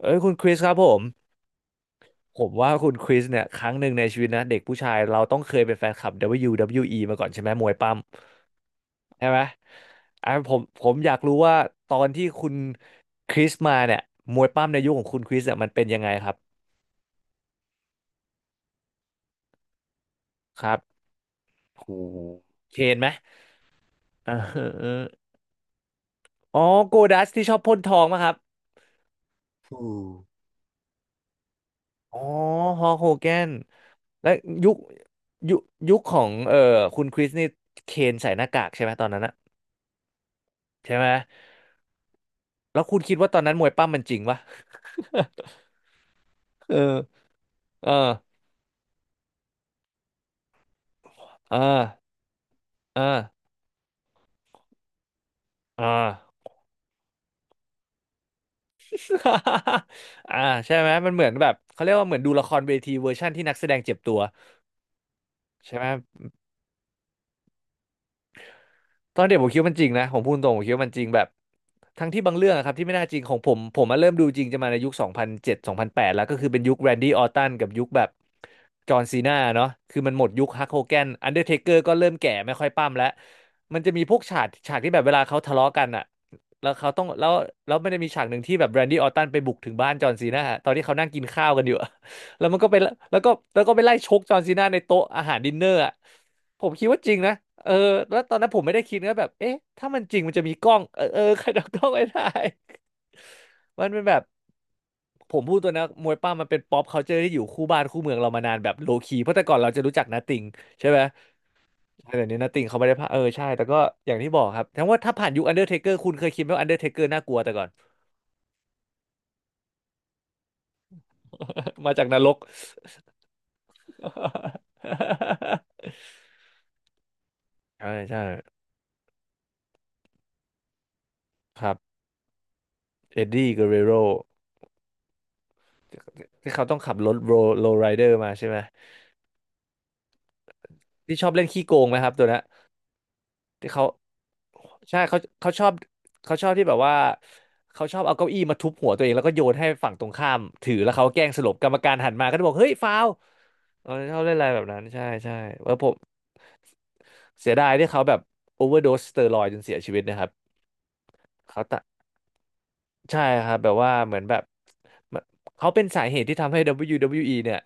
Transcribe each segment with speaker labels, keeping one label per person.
Speaker 1: เอ้ยคุณคริสครับผมว่าคุณคริสเนี่ยครั้งหนึ่งในชีวิตนะเด็กผู้ชายเราต้องเคยเป็นแฟนคลับ WWE มาก่อนใช่ไหมมวยปั้มใช่ไหมอ่ะผมอยากรู้ว่าตอนที่คุณคริสมาเนี่ยมวยปั้มในยุคของคุณคริสเนี่ยมันเป็นยังไงครับครับโอ้โหเคนไหมอ่าเออเอออ๋อโกดัสที่ชอบพ่นทองมาครับถูกอ๋อฮอลโฮแกนและยุคยุคยุคของคุณคริสนี่เคนใส่หน้ากากใช่ไหมตอนนั้นอะใช่ไหม แล้วคุณคิดว่าตอนนั้นมวยปั้มมันจริงปะ เออเออเออเออเออ อ่าใช่ไหม มันเหมือนแบบเขาเรียกว่าเหมือนดูละครเวทีเวอร์ชั่นที่นักแสดงเจ็บตัวใช่ไหม ตอนเด็กผมคิดว่ามันจริงนะผมพูดตรงผมคิดว่ามันจริงแบบทั้งที่บางเรื่องอะครับที่ไม่น่าจริงของผมมาเริ่มดูจริงจะมาในยุคสองพันเจ็ดสองพันแปดแล้วก็คือเป็นยุคแรนดี้ออรตันกับยุคแบบจอห์นซีนาเนาะคือมันหมดยุคฮักโฮแกนอันเดอร์เทเกอร์ก็เริ่มแก่ไม่ค่อยปั้มแล้วมันจะมีพวกฉากที่แบบเวลาเขาทะเลาะกันอะแล้วเขาต้องแล้วแล้วมันจะมีฉากหนึ่งที่แบบแรนดี้ออรตันไปบุกถึงบ้านจอห์นซีนาตอนที่เขานั่งกินข้าวกันอยู่อะแล้วมันก็ไปแล้วก็แล้วก็ไปไล่ชกจอห์นซีนาในโต๊ะอาหารดินเนอร์อะ ผมคิดว่าจริงนะเออแล้วตอนนั้นผมไม่ได้คิดนะแบบเอ๊ะถ้ามันจริงมันจะมีกล้องเออเออ ใครจะเอากล้องไปถ่าย มันเป็นแบบผมพูดตัวนะมวยปั้มมันเป็นป๊อปคัลเจอร์ที่อยู่คู่บ้านคู่เมืองเรามานานแบบโลคีเพราะแต่ก่อนเราจะรู้จักนาติงใช่ไหมใช่แต่เดี๋ยวนี้นาติงเขาไม่ได้พาเออใช่แต่ก็อย่างที่บอกครับทั้งว่าถ้าผ่านยุคอันเดอร์เทเกอร์คุณเคยคิดไหมว่าอันเดอร์เทเกอร์น่ากลัวแต่ก่อน มาจากนรก ใช่ใช่ครับเอ็ดดี้เกเรโรที่เขาต้องขับรถโรโรไรเดอร์มาใช่ไหม ที่ชอบเล่นขี้โกงไหมครับตัวเนี้ยที่เขาใช่เขาชอบเขาชอบที่แบบว่าเขาชอบเอาเก้าอี้มาทุบหัวตัวเองแล้วก็โยนให้ฝั่งตรงข้ามถือแล้วเขาแกล้งสลบกรรมการหันมาก็จะบอกเฮ้ยฟาวล์เออชอบเล่นอะไรแบบนั้นใช่ใช่แล้วผมเสียดายที่เขาแบบโอเวอร์โดสสเตียรอยด์จนเสียชีวิตนะครับเขาตะ ใช่ครับแบบว่าเหมือนแบบเขาเป็นสาเหตุที่ทำให้ WWE เบิลยูดับเบิลยูอีเนี่ย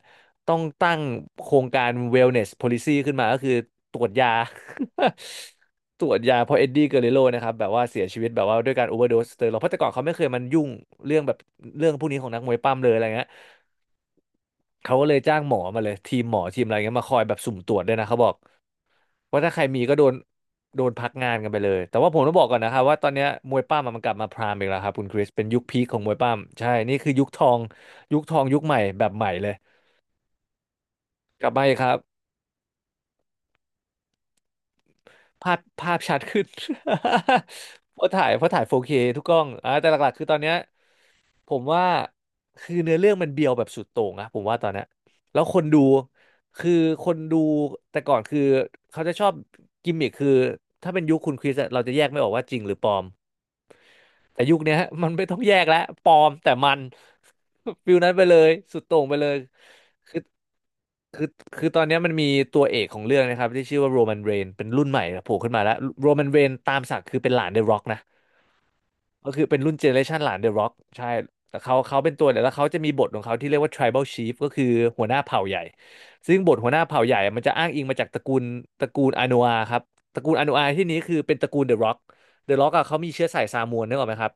Speaker 1: ต้องตั้งโครงการ Wellness Policy ขึ้นมาก็คือตรวจยา ตรวจยาเพราะเอ็ดดี้เกเรโรนะครับแบบว่าเสียชีวิตแบบว่าด้วยการโอเวอร์โดสสเตียรอยด์เพราะแต่ก่อนเขาไม่เคยมันยุ่งเรื่องแบบเรื่องพวกนี้ของนักมวยปั้มเลยอะไรเงี้ยเขาก็เลยจ้างหมอมาเลยทีมหมอทีมอะไรเงี้ยมาคอยแบบสุ่มตรวจด้วยนะเขาบอก เพราะถ้าใครมีก็โดนโดนพักงานกันไปเลยแต่ว่าผมต้องบอกก่อนนะครับว่าตอนเนี้ยมวยปั้มอะมันกลับมาพรามอีกแล้วครับคุณคริสเป็นยุคพีคของมวยปั้มใช่นี่คือยุคทองยุคทองยุคใหม่แบบใหม่เลยกลับมาอีกครับภาพชัดขึ้น เพราะถ่าย 4K ทุกกล้องอ่าแต่หลักๆคือตอนเนี้ยผมว่าคือเนื้อเรื่องมันเบียวแบบสุดโต่งนะผมว่าตอนเนี้ยแล้วคนดูคือคนดูแต่ก่อนคือเขาจะชอบกิมมิคคือถ้าเป็นยุคคุณคริสอะเราจะแยกไม่ออกว่าจริงหรือปลอม แต่ยุคเนี้ยฮะมันไม่ต้องแยกแล้วปลอมแต่มัน ฟิลนั้นไปเลยสุดโต่งไปเลยคือคือคือตอนเนี้ยมันมีตัวเอกของเรื่องนะครับที่ชื่อว่าโรแมนเรนเป็นรุ่นใหม่โผล่ขึ้นมาแล้วโรแมนเรนตามศักดิ์คือเป็นหลานเดอะร็อกนะก็คือเป็นรุ่นเจเนอเรชันหลานเดอะร็อกใช่แต่เขาเป็นตัวเนี่ยแล้วเขาจะมีบทของเขาที่เรียกว่า tribal chief ก็คือหัวหน้าเผ่าใหญ่ซึ่งบทหัวหน้าเผ่าใหญ่อะมันจะอ้างอิงมาจากตระกูลอาโนอาครับตระกูลอาโนอาที่นี้คือเป็นตระกูลเดอะร็อกเดอะร็อกอะเขามีเชื้อสายซามูนนึกออกไหมครับ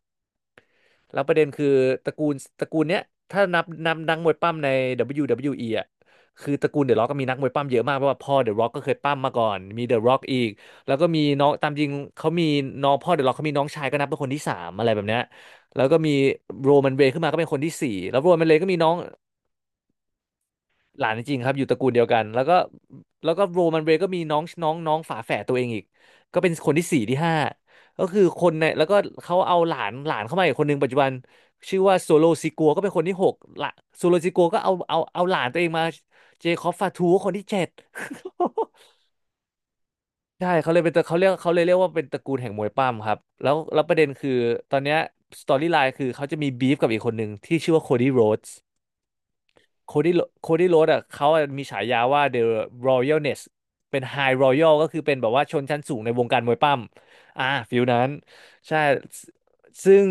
Speaker 1: แล้วประเด็นคือตระกูลเนี้ยถ้านับนักมวยปั้มใน WWE ออ่ะคือตระกูลเดอะร็อกก็มีนักมวยปั้มเยอะมากเพราะว่าพ่อเดอะร็อกก็เคยปั้มมาก่อนมีเดอะร็อกอีกแล้วก็มีน้องตามจริงเขามีน้องพ่อเดอะร็อกเขามีน้องชายก็นับเป็นคนที่สามอะไรแบบเนี้ยแล้วก็มีโรมันเรย์ขึ้นมาก็เป็นคนที่สี่แล้วโรมันเรย์ก็มีน้อง หลานจริงๆครับอยู่ตระกูลเดียวกันแล้วก็โรมันเรย์ก็มีน้องน้องน้องฝาแฝดตัวเองอีกก็เป็นคนที่สี่ที่ห้าก็คือคนในแล้วก็เขาเอาหลานหลานเข้ามาอีกคนหนึ่งปัจจุบันชื่อว่าโซโลซิกัวก็เป็นคนที่หกละโซโลซิกัวก็เอาหลานตัวเองมาเจคอบฟาทูก็คนที่เจ็ด ใช่เขาเลยเป็นตระเขาเรียกเขาเลยเรียกว่าเป็นตระกูลแห่งมวยปั้มครับแล้วประเด็นคือตอนเนี้ยสตอรี่ไลน์คือเขาจะมีบีฟกับอีกคนหนึ่งที่ชื่อว่าโคดี้โรดอ่ะเขาอะมีฉายาว่า The Royalness เป็น High Royal ก็คือเป็นแบบว่าชนชั้นสูงในวงการมวยปั้มอ่าฟิลนั้นใช่ซซึ่ง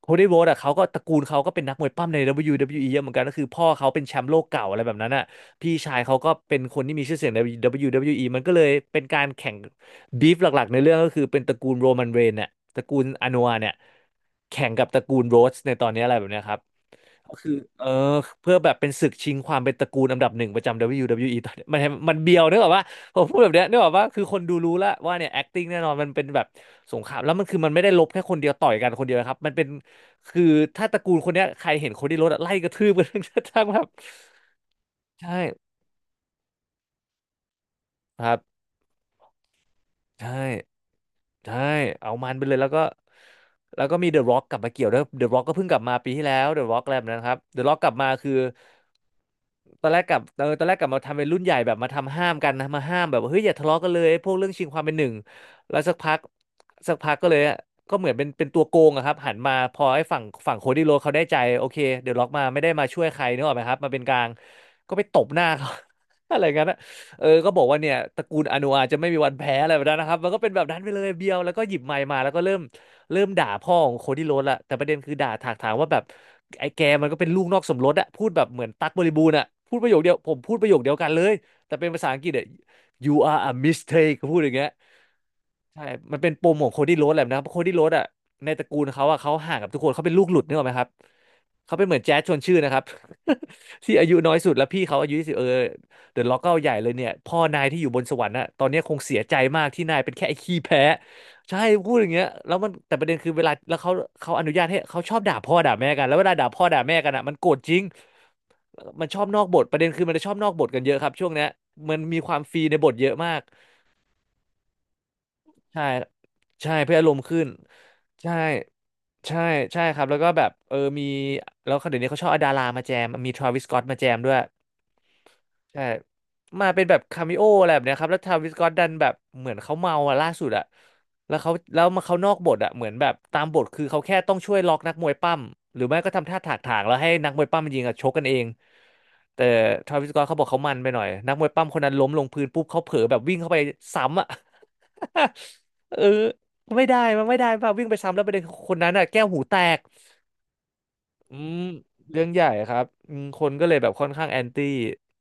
Speaker 1: โคดี้โรดอ่ะเขาก็ตระกูลเขาก็เป็นนักมวยปั้มใน WWE เบิลยดับเบิลยูอเยอะเหมือนกันก็คือพ่อเขาเป็นแชมป์โลกเก่าอะไรแบบนั้นอ่ะพี่ชายเขาก็เป็นคนที่มีชื่อเสียงใน WWE มันก็เลยเป็นการแข่งบีฟหลักๆในเรื่องก็คือเป็นตระกูลโรมันเรนเนี่ยตระกูลอ n นัวเนี่ยแข่งกับตระกูลโรสในตอนนี้อะไรแบบเนี้ยครับ ก็คือเออเพื่อแบบเป็นศึกชิงความเป็นตระกูลอันดับหนึ่งประจำ WWE ตอนเนี้ยมันเบียวนึกออกว่าผมพูดแบบเนี้ยนึกออกว่าคือคนดูรู้แล้วว่าเนี่ย acting แน่นอนมันเป็นแบบสงครามแล้วมันคือมันไม่ได้ลบแค่คนเดียวต่อยกันคนเดียวนะครับมันเป็นคือถ้าตระกูลคนเนี้ยใครเห็นคนที่รถอะไล่กระทืบกัน ทั้ง แบบใช่ครับใช่ใช่เอามันไปเลยแล้วก็มีเดอะร็อกกลับมาเกี่ยวด้วยเดอะร็อกก็เพิ่งกลับมาปีที่แล้วเดอะร็อกอะไรแบบนั้นครับเดอะร็อกกลับมาคือ ตอนแรกกลับมาทำเป็นรุ่นใหญ่แบบมาทำห้ามกันนะมาห้ามแบบว่าเฮ้ยอย่าทะเลาะกันเลยพวกเรื่องชิงความเป็นหนึ่งแล้วสักพักก็เลยอะก็เหมือนเป็นตัวโกงอะครับหันมาพอไอ้ฝั่งโคดี้โรดเขาได้ใจโอเคเดี๋ยวล็อกมาไม่ได้มาช่วยใครนึกออกไหมครับมาเป็นกลางก็ไปตบหน้าเขา อะไรงั้นอะเออก็บอกว่าเนี่ยตระกูลอนุอาจจะไม่มีวันแพ้อะไรแบบนั้นนะครับมันก็เป็นแบบนั้นไปเลยเบียวแล้วก็หยิบไมค์มาแล้วก็เริ่มด่าพ่อของโคดี้โรดละแต่ประเด็นคือด่าถากถางว่าแบบ ไอ้แกมันก็เป็นลูกนอกสมรสอะพูดแบบเหมือนตั๊กบริบูรณ์อะพูดประโยคเดียวผมพูดประโยคเดียวกันเลยแต่เป็นภาษาอังกฤษอะ you are a mistake เขาพูดอย่างเงี้ยใช่มันเป็นปมของโคดี้โรดแหละนะเพราะโคดี้โรดอะในตระกูลเขาอะเขาห่างกับทุกคนเขาเป็นลูกหลุดนึกออกไหมครับ เขาเป็นเหมือนแจ๊สชวนชื่นนะครับ ที่อายุน้อยสุดแล้วพี่เขาอายุยี่สิบเออเดอะล็อกก็เอาใหญ่เลยเนี่ยพ่อนายที่อยู่บนสวรรค์อะตอนเนี้ยคงเสียใจมากที่นายเป็นแค่ไอ้ขี้แพ้ใช่พูดอย่างเงี้ยแล้วมันแต่ประเด็นคือเวลาแล้วเขาเขาอนุญาตให้เขาชอบด่าพ่อด่าแม่กันแล้วเวลาด่าพ่อด่าแม่กันอะมันโกรธจริงมันชอบนอกบทประเด็นคือมันจะชอบนอกบทกันเยอะครับช่วงเนี้ยมันมีความฟรีในบทเยอะมาก ใช่ ใช่ เพื่ออารมณ์ขึ้น ใช่ ใช่ ใช่ครับ แล้วก็แบบ มี แล้วเดี๋ยวนี้เขาชอบเอาดารามาแจม มีทร a วิส s ก็ t ตมาแจมด้วย ใช่มาเป็นแบบคาเมโออะไรแบบเนี้ยครับแล้วทาวิสก็อตดันแบบเหมือนเขาเมาอะล่าสุดอะแล้วมาเขานอกบทอะเหมือนแบบตามบทคือเขาแค่ต้องช่วยล็อกนักมวยปั้มหรือไม่ก็ทำท่าถากถางแล้วให้นักมวยปั้มมันยิงอ่ะชกกันเองแต่ทาวิสก็อตเขาบอกเขามันไปหน่อยนักมวยปั้มคนนั้นล้มลงพื้นปุ๊บเขาเผลอแบบวิ่งเข้าไปซ้ำอะ เออไม่ได้มันไม่ได้ป่ะวิ่งไปซ้ำแล้วประเด็นคนนั้นอะแก้วหูแตก อืมเรื่องใหญ่ครับอืมคนก็เลยแบบค่อนข้างแอนตี้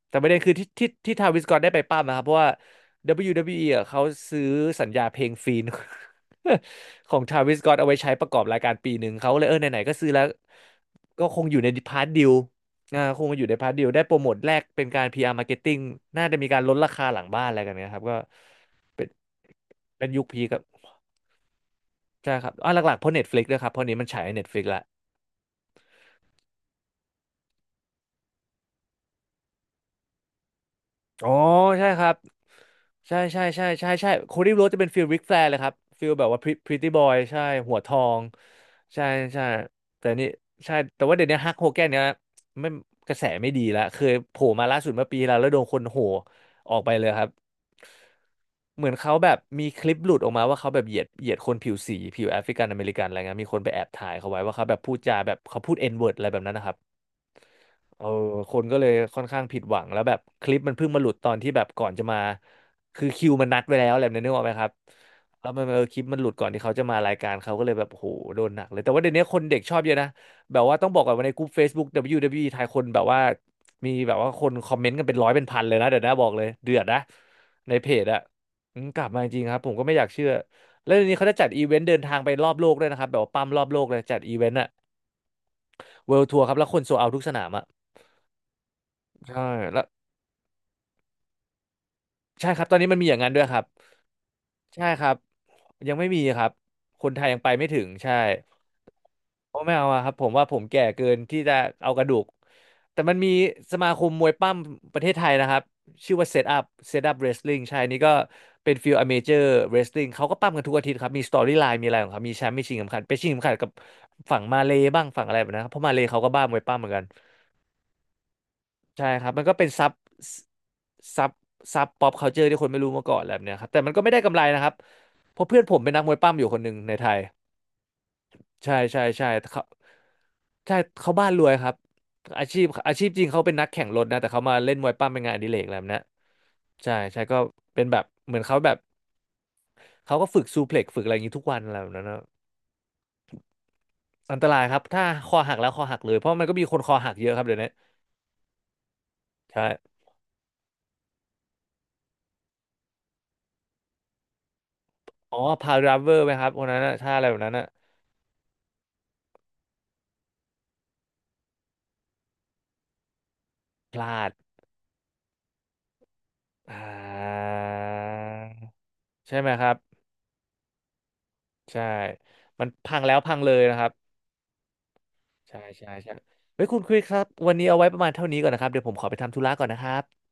Speaker 1: แต่ประเด็นคือที่ทาวิสกอตได้ไปปั้มนะครับเพราะว่า WWE ออ่ะเขาซื้อสัญญาเพลงฟรี นของทาวิสกอตเอาไว้ใช้ประกอบรายการปีหนึ่งเขาก็เลยเออไหนๆก็ซื้อแล้วก็คงอยู่ในพาร์ทดิลอ่าคงมาอยู่ในพาร์ทดิลได้โปรโมทแรกเป็นการ PR Marketing น่าจะมีการลดราคาหลังบ้านอะไรกันเนะครับก็เป็นเป็นยุคพีกับใช่ครับอ่าหลักๆเพราะ Netflix ด้วยครับเพราะนี้มันฉายใน Netflix ละ อ๋อใช่ครับใช่ใช่ใช่ใช่ใช่โคดี้โรดจะเป็นฟิลริกแฟร์เลยครับฟิลแบบว่า Pretty Boy ใช่หัวทองใช่ใช่แต่นี่ใช่แต่ว่าเดี๋ยวนี้ฮักโฮแกนเนี่ยไม่กระแสไม่ดีแล้วเคยโผล่มาล่าสุดเมื่อปีที่แล้วแล้วโดนคนโห่ออกไปเลยครับเหมือนเขาแบบมีคลิปหลุดออกมาว่าเขาแบบเหยียดคนผิวสีผิวแอฟริกันอเมริกันอะไรเงี้ยมีคนไปแอบถ่ายเขาไว้ว่าเขาแบบพูดจาแบบเขาพูด N word อะไรแบบนั้นนะครับ เออคนก็เลยค่อนข้างผิดหวังแล้วแบบคลิปมันเพิ่งมาหลุดตอนที่แบบก่อนจะมาคือคิวมันนัดไว้แล้วอะไรแบบนี้นึกออกไหมครับแล้วมันเออคลิปมันหลุดก่อนที่เขาจะมารายการเขาก็เลยแบบโหโดนหนักเลยแต่ว่าเดี๋ยวนี้คนเด็กชอบเยอะนะแบบว่าต้องบอกก่อนว่าในกลุ่ม Facebook WWE ไทยคนแบบว่ามีแบบว่าคนคอมเมนต์กันเป็นร้อยเป็นพันเลยนะเดี๋ยวนะบอกเลยเดือดนะในเพจอะอืมกลับมาจริงครับผมก็ไม่อยากเชื่อแล้วเดี๋ยวนี้เขาจะจัดอีเวนต์เดินทางไปรอบโลกด้วยนะครับแบบว่าปั้มรอบโลกเลยจัดอีเวนต์อะเวิลด์ทัวร์ครับแล้วคนโซเอาทุกสนามอะใช่แล้ว ใช่ครับตอนนี้มันมีอย่างนั้นด้วยครับใช่ครับยังไม่มีครับคนไทยยังไปไม่ถึงใช่เพราะไม่เอาอะครับผมว่าผมแก่เกินที่จะเอากระดูกแต่มันมีสมาคมมวยปั้มประเทศไทยนะครับชื่อว่า Set Up Set Up Wrestling ใช่นี่ก็เป็นฟิลอเมเจอร์ Wrestling เขาก็ปั้มกันทุกอาทิตย์ครับมีสตอรี่ไลน์มีอะไรของเขามีแชมป์มีชิงเข็มขัดไปชิงเข็มขัดกับฝั่งมาเลย์บ้างฝั่งอะไรแบบนั้นครับเพราะมาเลย์เขาก็บ้ามวยปั้มเหมือนกัน ใช่ครับมันก็เป็นซับซับป๊อปคัลเจอร์ที่คนไม่รู้มาก่อนอะไรแบบเนี้ยครับแต่มันก็ไม่ได้กำไรนะครับเพราะเพื่อนผมเป็นนักมวยปั้มอยู่คนหนึ่งในไทยใช่ใช่ใช่เขาใช่เขาบ้านรวยครับอาชีพจริงเขาเป็นนักแข่งรถนะแต่เขามาเล่นมวยปั้มเป็นงานอดิเรกอะไรแบบวนะใช่ใช่ก็เป็นแบบเหมือนเขาแบบเขาก็ฝึกซูเพล็กซ์ฝึกอะไรอย่างนี้ทุกวันอะไรแบบนั้นนะอันตรายครับถ้าคอหักแล้วคอหักเลยเพราะมันก็มีคนคอหักเยอะครับเดี๋ยวนี้ใช่อ๋อพาวดรเวอร์ไหมครับคนนั้นน่ะถ้าอะไรแบบนั้นน่ะพลาด อ่าใช่ไหมครับใช่มันพังแล้วพังเลยนะครับใช่ใช่ใช่เฮ้ยคุณคุยครับวันนี้เอาไว้ประมาณเท่านี้ก่อนนะครับเดี๋ยวผมขอไปทำธุระก่อนนะครับ